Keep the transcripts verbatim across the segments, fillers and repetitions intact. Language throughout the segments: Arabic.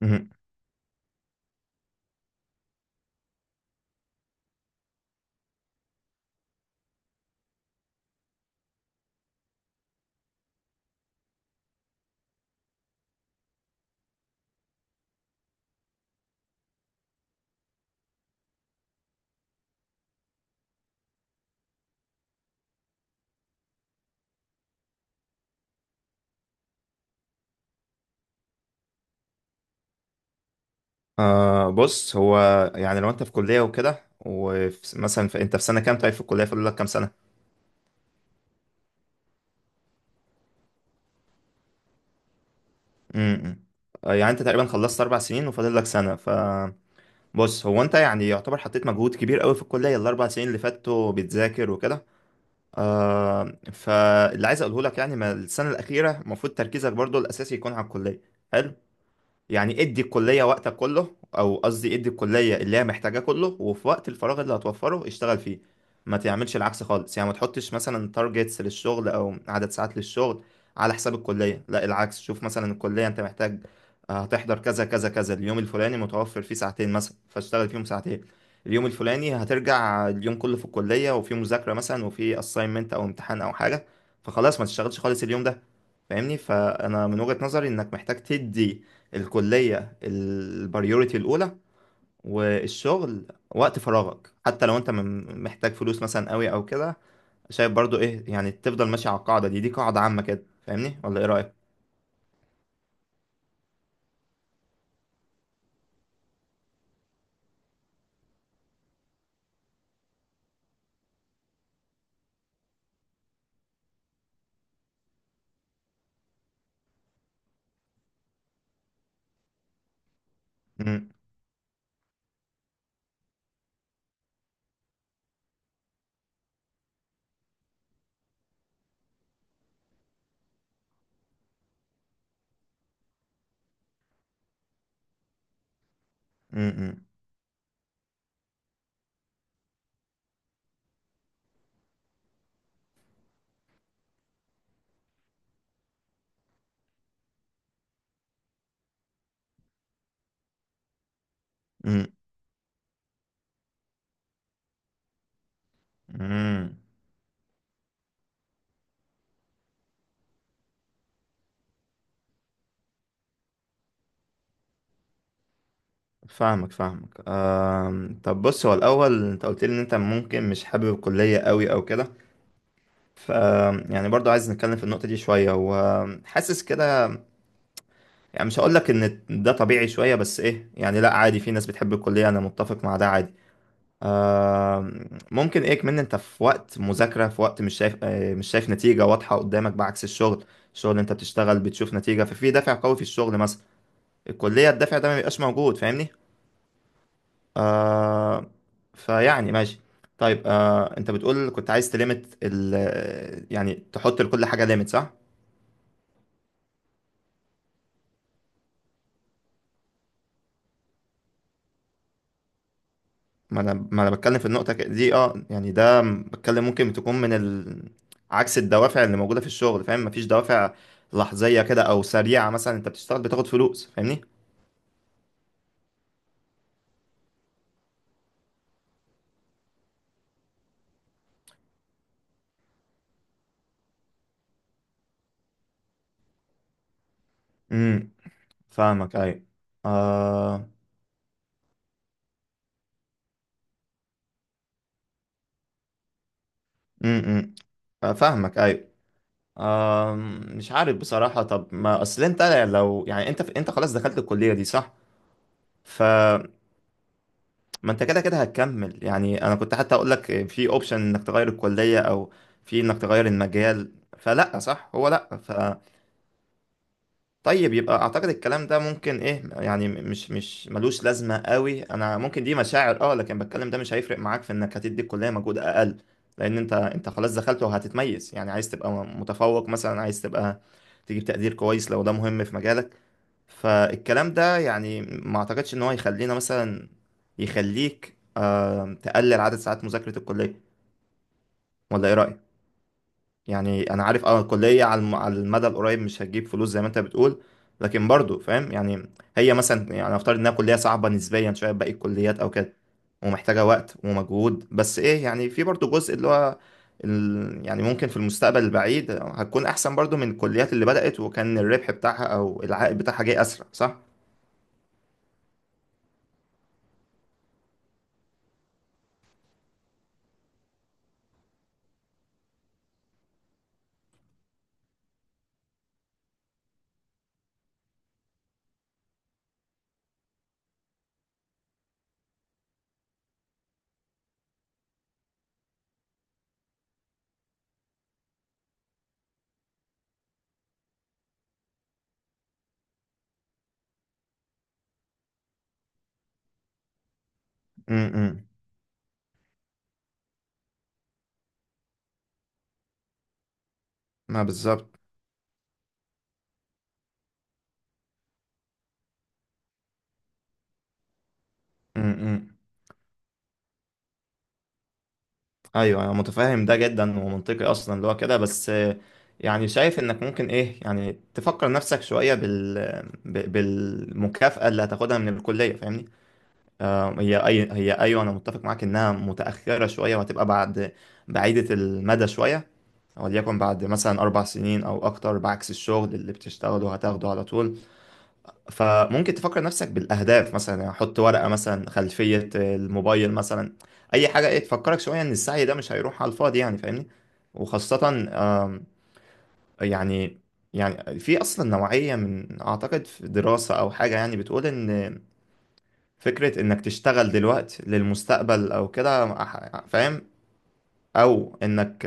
مهم. آه بص هو يعني لو انت في كلية وكده ومثلا في انت في سنة كام؟ طيب في الكلية فاضل لك كام سنة؟ امم آه يعني انت تقريبا خلصت اربع سنين وفاضل لك سنة، فبص، هو انت يعني يعتبر حطيت مجهود كبير قوي في الكلية الاربع سنين اللي فاتوا، بتذاكر وكده. آه فاللي عايز اقوله لك يعني، ما السنة الأخيرة المفروض تركيزك برضو الأساسي يكون على الكلية. حلو. يعني ادي الكلية وقتك كله، او قصدي ادي الكلية اللي هي محتاجاه كله، وفي وقت الفراغ اللي هتوفره اشتغل فيه. ما تعملش العكس خالص، يعني ما تحطش مثلا تارجتس للشغل او عدد ساعات للشغل على حساب الكلية. لا العكس، شوف مثلا الكلية انت محتاج آه، هتحضر كذا كذا كذا، اليوم الفلاني متوفر فيه ساعتين مثلا فاشتغل فيهم ساعتين، اليوم الفلاني هترجع اليوم كله في الكلية وفي مذاكرة مثلا وفي assignment او امتحان او حاجة، فخلاص ما تشتغلش خالص اليوم ده. فاهمني؟ فانا من وجهة نظري انك محتاج تدي الكلية البريوريتي الأولى، والشغل وقت فراغك، حتى لو أنت من- محتاج فلوس مثلا قوي أو كده. شايف برضو إيه؟ يعني تفضل ماشي على القاعدة دي، دي قاعدة عامة كده. فاهمني ولا إيه رأيك؟ مم. مم. مم. مم. فاهمك فاهمك. أم... طب بص، هو الأول أنت قلت لي إن أنت ممكن مش حابب الكلية قوي أو كده، ف يعني برضو عايز نتكلم في النقطة دي شوية، وحاسس كده، يعني مش هقول لك ان ده طبيعي شويه، بس ايه يعني، لا عادي، في ناس بتحب الكليه، انا متفق مع ده، عادي. آه ممكن ايه كمان انت في وقت مذاكره، في وقت مش شايف آه مش شايف نتيجه واضحه قدامك بعكس الشغل. الشغل انت بتشتغل بتشوف نتيجه، ففي دافع قوي في الشغل مثلا. الكليه الدافع ده ما بيبقاش موجود، فاهمني. آه فيعني ماشي. طيب آه انت بتقول كنت عايز تليمت ال، يعني تحط لكل حاجه ليميت، صح؟ ما انا، ما انا بتكلم في النقطه ك- دي، اه يعني ده م- بتكلم، ممكن تكون من ال... عكس الدوافع اللي موجوده في الشغل، فاهم؟ مفيش دوافع لحظيه كده او سريعه، مثلا انت بتشتغل بتاخد فلوس، فاهمني. امم. فاهمك ايوه. آه امم. فاهمك ايوه. آه مش عارف بصراحه، طب ما اصل انت لو، يعني انت انت خلاص دخلت الكليه دي صح، ف ما انت كده كده هتكمل، يعني انا كنت حتى اقول لك في اوبشن انك تغير الكلية، او في انك تغير المجال، فلا صح هو لا. ف طيب يبقى اعتقد الكلام ده ممكن ايه يعني، مش مش ملوش لازمة قوي، انا ممكن دي مشاعر اه لكن بتكلم، ده مش هيفرق معاك في انك هتدي الكلية مجهود اقل، لان انت انت خلاص دخلت، وهتتميز، يعني عايز تبقى متفوق مثلا، عايز تبقى تجيب تقدير كويس لو ده مهم في مجالك. فالكلام ده يعني ما اعتقدش ان هو يخلينا مثلا يخليك آه تقلل عدد ساعات مذاكرة الكلية، ولا ايه رأيك؟ يعني انا عارف اه الكلية على الم- على المدى القريب مش هتجيب فلوس زي ما انت بتقول، لكن برضو فاهم يعني، هي مثلا يعني افترض انها كلية صعبة نسبيا شوية باقي الكليات او كده، ومحتاجة وقت ومجهود، بس ايه يعني في برضو جزء اللي هو ال... يعني ممكن في المستقبل البعيد هتكون احسن برضو من الكليات اللي بدأت وكان الربح بتاعها او العائد بتاعها جاي اسرع، صح؟ م -م. ما بالظبط. امم. ايوه انا متفاهم ده جدا ومنطقي اصلا اللي هو كده، بس آه، يعني شايف انك ممكن ايه يعني تفكر نفسك شويه بال ب- بالمكافاه اللي هتاخدها من الكليه، فاهمني. آه، هي اي هي ايوه انا متفق معاك انها متاخره شويه، وهتبقى بعد بعيده المدى شويه، وليكن بعد مثلا اربع سنين او اكتر، بعكس الشغل اللي بتشتغله هتاخده على طول. فممكن تفكر نفسك بالاهداف مثلا، يعني حط ورقه مثلا خلفيه الموبايل مثلا، اي حاجه ايه تفكرك شويه ان السعي ده مش هيروح على الفاضي، يعني فاهمني. وخاصه آم، يعني يعني في اصلا نوعيه من اعتقد في دراسه او حاجه، يعني بتقول ان فكره انك تشتغل دلوقتي للمستقبل او كده أح- فاهم؟ او انك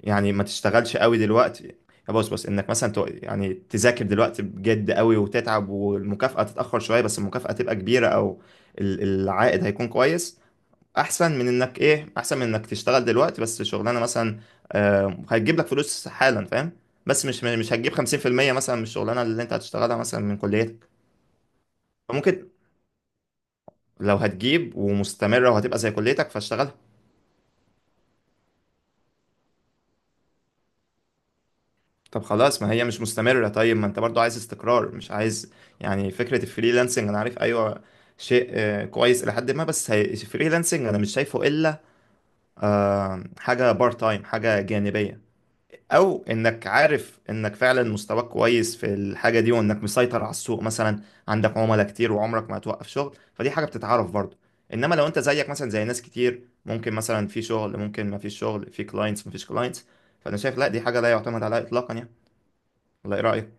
يعني ما تشتغلش قوي دلوقتي، يا بص بص انك مثلا تو- يعني تذاكر دلوقتي بجد قوي وتتعب، والمكافأة تتأخر شوية بس المكافأة تبقى كبيرة، او ال- العائد هيكون كويس، احسن من انك ايه، احسن من انك تشتغل دلوقتي بس شغلانة مثلا آه، هتجيب لك فلوس حالا، فاهم؟ بس مش مش هتجيب خمسين في المية مثلا من الشغلانة اللي انت هتشتغلها مثلا من كليتك. فممكن، لو هتجيب ومستمرة وهتبقى زي كليتك فاشتغلها. طب خلاص ما هي مش مستمرة، طيب ما انت برضو عايز استقرار، مش عايز، يعني فكرة الفريلانسنج انا عارف ايوه شيء آه، كويس الى حد ما، بس هي- الفريلانسنج انا مش شايفه الا آه، حاجة بارت تايم، حاجة جانبية، او انك عارف انك فعلا مستواك كويس في الحاجة دي، وانك مسيطر على السوق مثلا، عندك عملاء كتير وعمرك ما هتوقف شغل، فدي حاجة بتتعرف برضو. انما لو انت زيك مثلا زي ناس كتير، ممكن مثلا في شغل ممكن ما فيش شغل، في كلاينتس ما فيش كلاينتس، فانا شايف لا، دي حاجة لا يعتمد عليها اطلاقا يعني. ولا ايه رأيك؟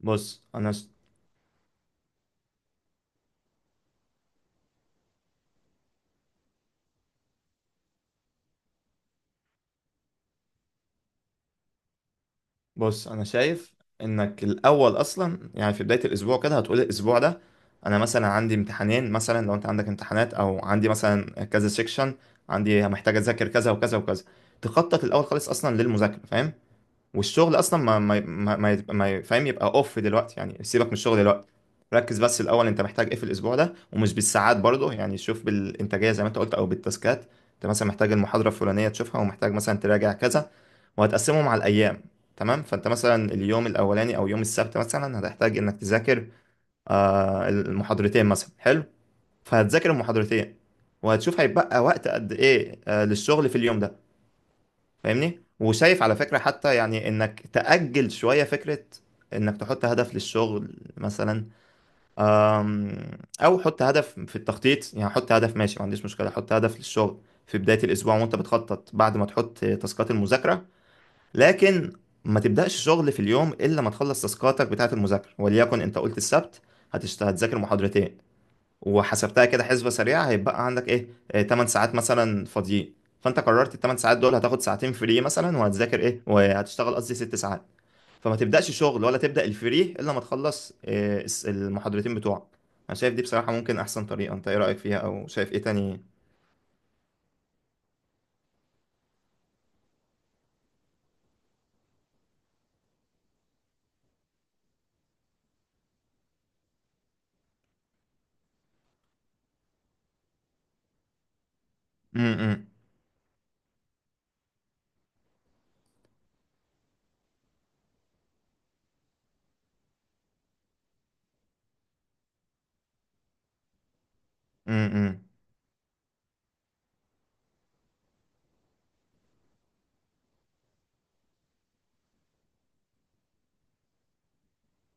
بص انا ش... بص انا شايف انك الاول اصلا يعني في بدايه الاسبوع كده هتقول الاسبوع ده انا مثلا عندي امتحانين مثلا، لو انت عندك امتحانات، او عندي مثلا كذا سيكشن، عندي محتاج اذاكر كذا وكذا وكذا. تخطط الاول خالص اصلا للمذاكره، فاهم؟ والشغل اصلا ما ما ما, ما, يبقى- ما ي- فاهم، يبقى اوف دلوقتي، يعني سيبك من الشغل دلوقتي. ركز بس الاول انت محتاج ايه في الاسبوع ده، ومش بالساعات برضه، يعني شوف بالانتاجيه زي ما انت قلت او بالتاسكات. انت مثلا محتاج المحاضره الفلانيه تشوفها، ومحتاج مثلا تراجع كذا، وهتقسمهم على الايام. تمام، فانت مثلا اليوم الاولاني او يوم السبت مثلا هتحتاج انك تذاكر آه، المحاضرتين مثلا، حلو، فهتذاكر المحاضرتين، وهتشوف هيبقى وقت قد ايه آه، للشغل في اليوم ده، فاهمني؟ وشايف على فكرة حتى يعني انك تأجل شوية فكرة انك تحط هدف للشغل مثلا، أم، او حط هدف في التخطيط، يعني حط هدف ماشي ما عنديش مشكلة، حط هدف للشغل في بداية الاسبوع وانت بتخطط بعد ما تحط تاسكات المذاكرة، لكن ما تبدأش شغل في اليوم الا ما تخلص تاسكاتك بتاعة المذاكرة. وليكن انت قلت السبت هتشت... هتذاكر محاضرتين، وحسبتها كده حسبة سريعة، هيبقى عندك ايه آه، تمن ساعات مثلا فاضيين، فانت قررت الثمان ساعات دول هتاخد ساعتين فري مثلا، وهتذاكر ايه، وهتشتغل قصدي ست ساعات، فما تبدأش شغل ولا تبدأ الفري الا ما تخلص إيه، الس- المحاضرتين بتوعك. انا شايف دي بصراحة ممكن احسن طريقة، انت ايه رأيك فيها او شايف ايه تاني؟ امم